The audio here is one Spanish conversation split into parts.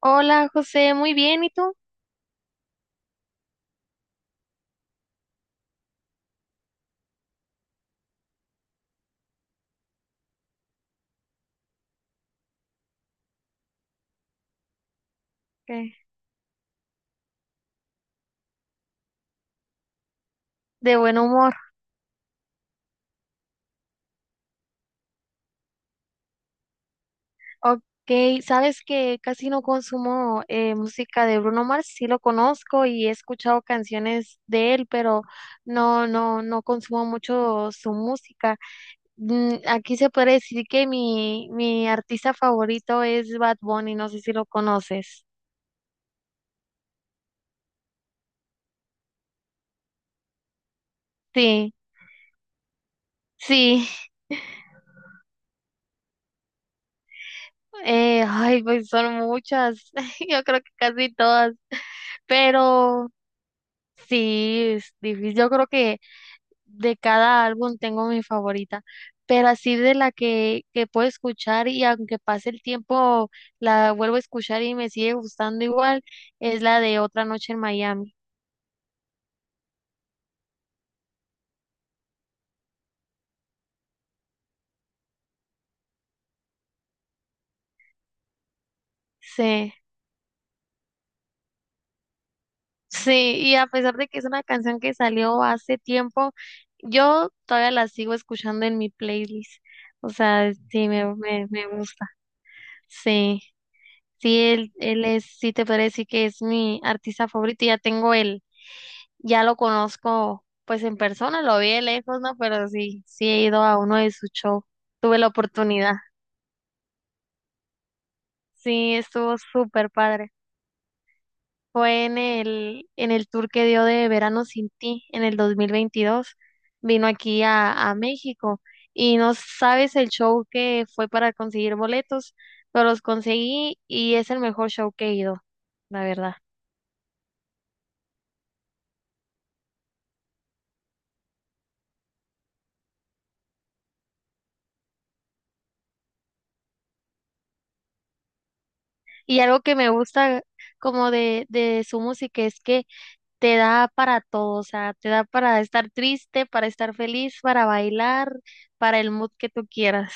Hola José, muy bien, ¿y tú? ¿Qué? De buen humor. Ok, sabes que casi no consumo música de Bruno Mars, sí lo conozco y he escuchado canciones de él, pero no, no, no consumo mucho su música. Aquí se puede decir que mi artista favorito es Bad Bunny, no sé si lo conoces. Sí, sí. Ay, pues son muchas, yo creo que casi todas, pero Sí, es difícil. Yo creo que de cada álbum tengo mi favorita, pero así de la que puedo escuchar y aunque pase el tiempo la vuelvo a escuchar y me sigue gustando igual, es la de Otra Noche en Miami. Sí, sí, y a pesar de que es una canción que salió hace tiempo, yo todavía la sigo escuchando en mi playlist. O sea, sí, me gusta. Sí, sí, él es, sí te podría decir que es mi artista favorito y ya tengo el Ya lo conozco pues en persona, lo vi de lejos, ¿no? Pero sí, sí he ido a uno de sus shows. Tuve la oportunidad. Sí, estuvo súper padre. Fue en el tour que dio de Verano sin ti en el 2022. Vino aquí a México y no sabes el show que fue para conseguir boletos, pero los conseguí y es el mejor show que he ido, la verdad. Y algo que me gusta como de su música es que te da para todo, o sea, te da para estar triste, para estar feliz, para bailar, para el mood que tú quieras.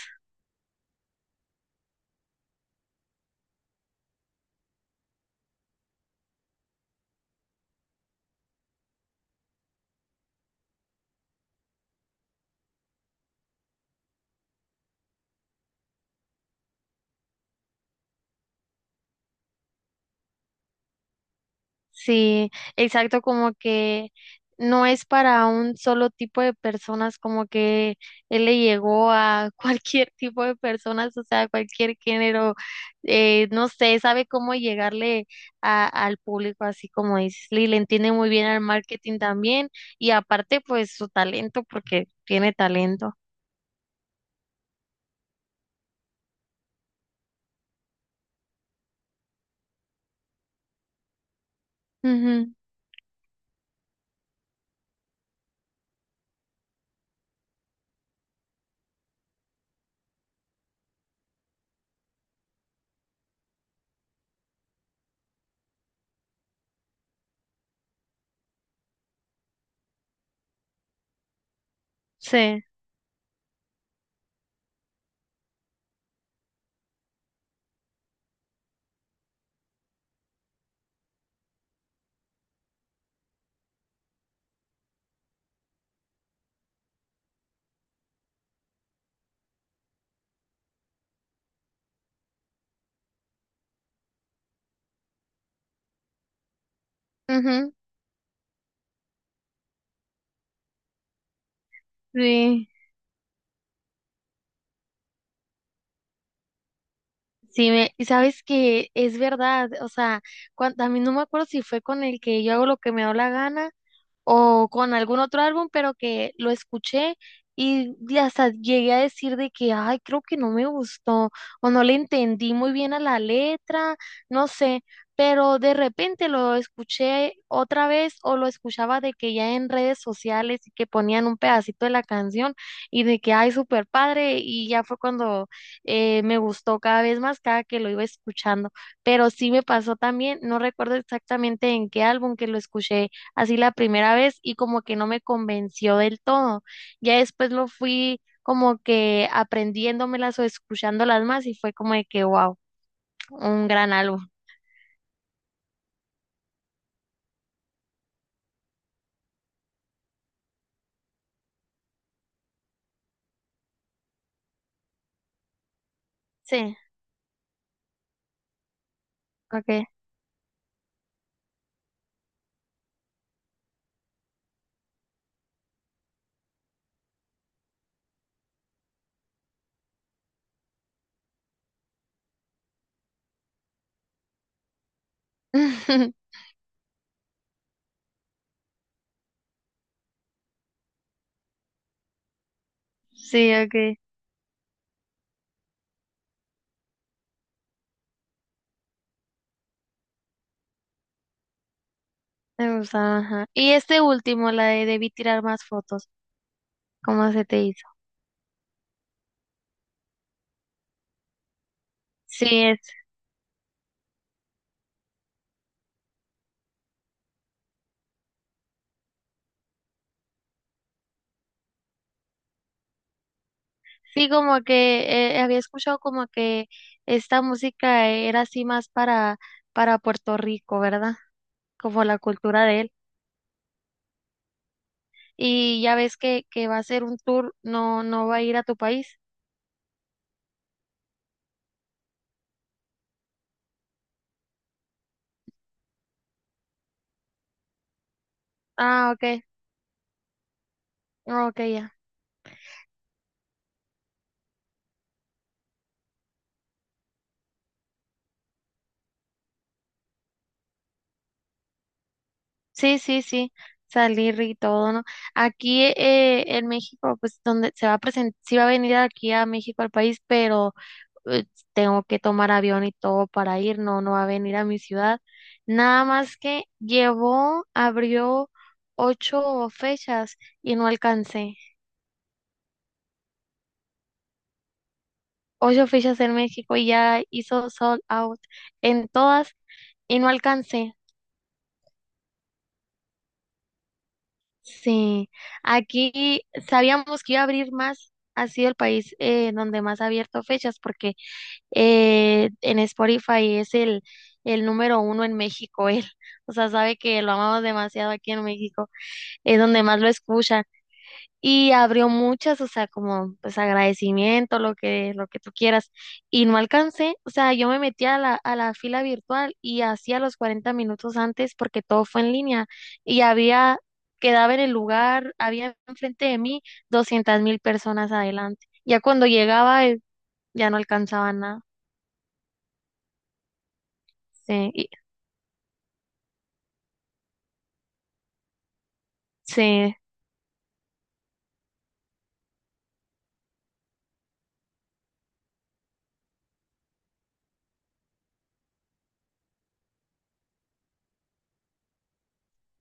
Sí, exacto, como que no es para un solo tipo de personas, como que él le llegó a cualquier tipo de personas, o sea, cualquier género, no sé, sabe cómo llegarle al público, así como dices, y le entiende muy bien al marketing también, y aparte, pues su talento, porque tiene talento. Ujú, sí. Ujú, sí, sí, y sabes que es verdad, o sea, a mí no me acuerdo si fue con el que yo hago lo que me da la gana o con algún otro álbum, pero que lo escuché y hasta llegué a decir de que, ay, creo que no me gustó o no le entendí muy bien a la letra, no sé, pero de repente lo escuché otra vez o lo escuchaba de que ya en redes sociales y que ponían un pedacito de la canción y de que, ay, súper padre y ya fue cuando me gustó cada vez más cada que lo iba escuchando, pero sí me pasó también, no recuerdo exactamente en qué álbum que lo escuché así la primera vez y como que no me convenció del todo. Ya después lo fui como que aprendiéndomelas o escuchándolas más y fue como de que, wow, un gran álbum. Sí, ok. Sí, ok. Me gusta, ajá. Y este último, la de debí tirar más fotos, ¿cómo se te hizo? Sí, sí, como que había escuchado como que esta música era así más para Puerto Rico, ¿verdad? Como la cultura de. Y ya ves que va a ser un tour, no, no va a ir a tu país. Ah, ok, ah, ok, ya. Sí, sí, sí, salir y todo, ¿no? Aquí en México, pues donde se va a presentar, sí va a venir aquí a México al país, pero eh, tengo que tomar avión y todo para ir, no, no va a venir a mi ciudad. Nada más que llevó, abrió ocho fechas y no alcancé. Ocho fechas en México y ya hizo sold out en todas y no alcancé. Sí, aquí sabíamos que iba a abrir más, ha sido el país donde más ha abierto fechas, porque en Spotify es el número uno en México, él, o sea, sabe que lo amamos demasiado aquí en México, es donde más lo escuchan, y abrió muchas, o sea, como pues agradecimiento, lo que tú quieras. Y no alcancé, o sea, yo me metí a la fila virtual y hacía los 40 minutos antes porque todo fue en línea y quedaba en el lugar, había enfrente de mí 200.000 personas adelante. Ya cuando llegaba, ya no alcanzaba nada. Sí, sí.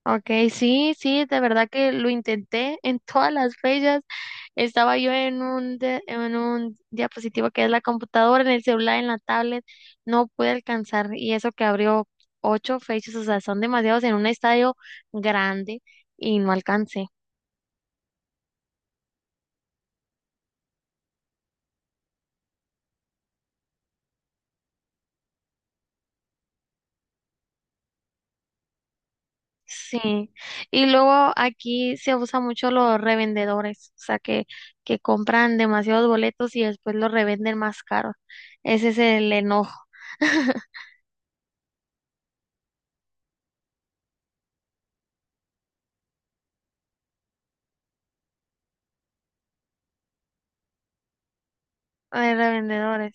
Ok, sí, sí, de verdad que lo intenté en todas las fechas. Estaba yo en un diapositivo que es la computadora, en el celular, en la tablet, no pude alcanzar. Y eso que abrió ocho fechas, o sea, son demasiados en un estadio grande y no alcancé. Sí. Y luego aquí se usa mucho los revendedores, o sea, que compran demasiados boletos y después los revenden más caros. Ese es el enojo de revendedores.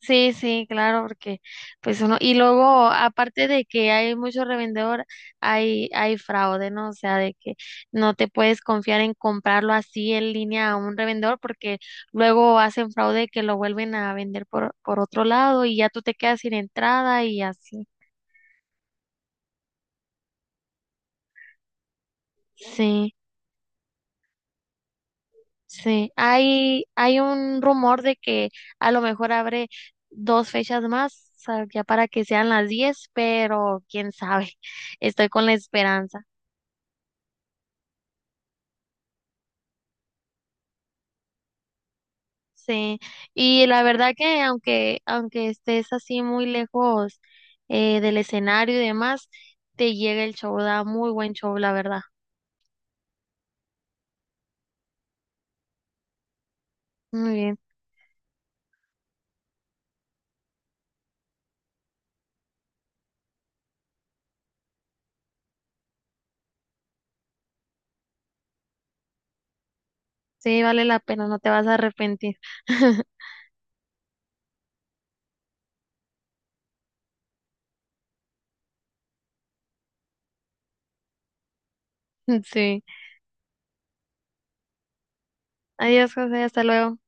Sí, sí, claro, porque pues uno, y luego aparte de que hay mucho revendedor, hay fraude, ¿no? O sea, de que no te puedes confiar en comprarlo así en línea a un revendedor porque luego hacen fraude que lo vuelven a vender por otro lado y ya tú te quedas sin entrada y así. Sí, sí. Hay un rumor de que a lo mejor abre dos fechas más, o sea, ya para que sean las 10, pero quién sabe. Estoy con la esperanza. Sí, y la verdad que aunque estés así muy lejos del escenario y demás, te llega el show, da muy buen show, la verdad. Muy bien, sí, vale la pena, no te vas a arrepentir. Sí, adiós, José, hasta luego.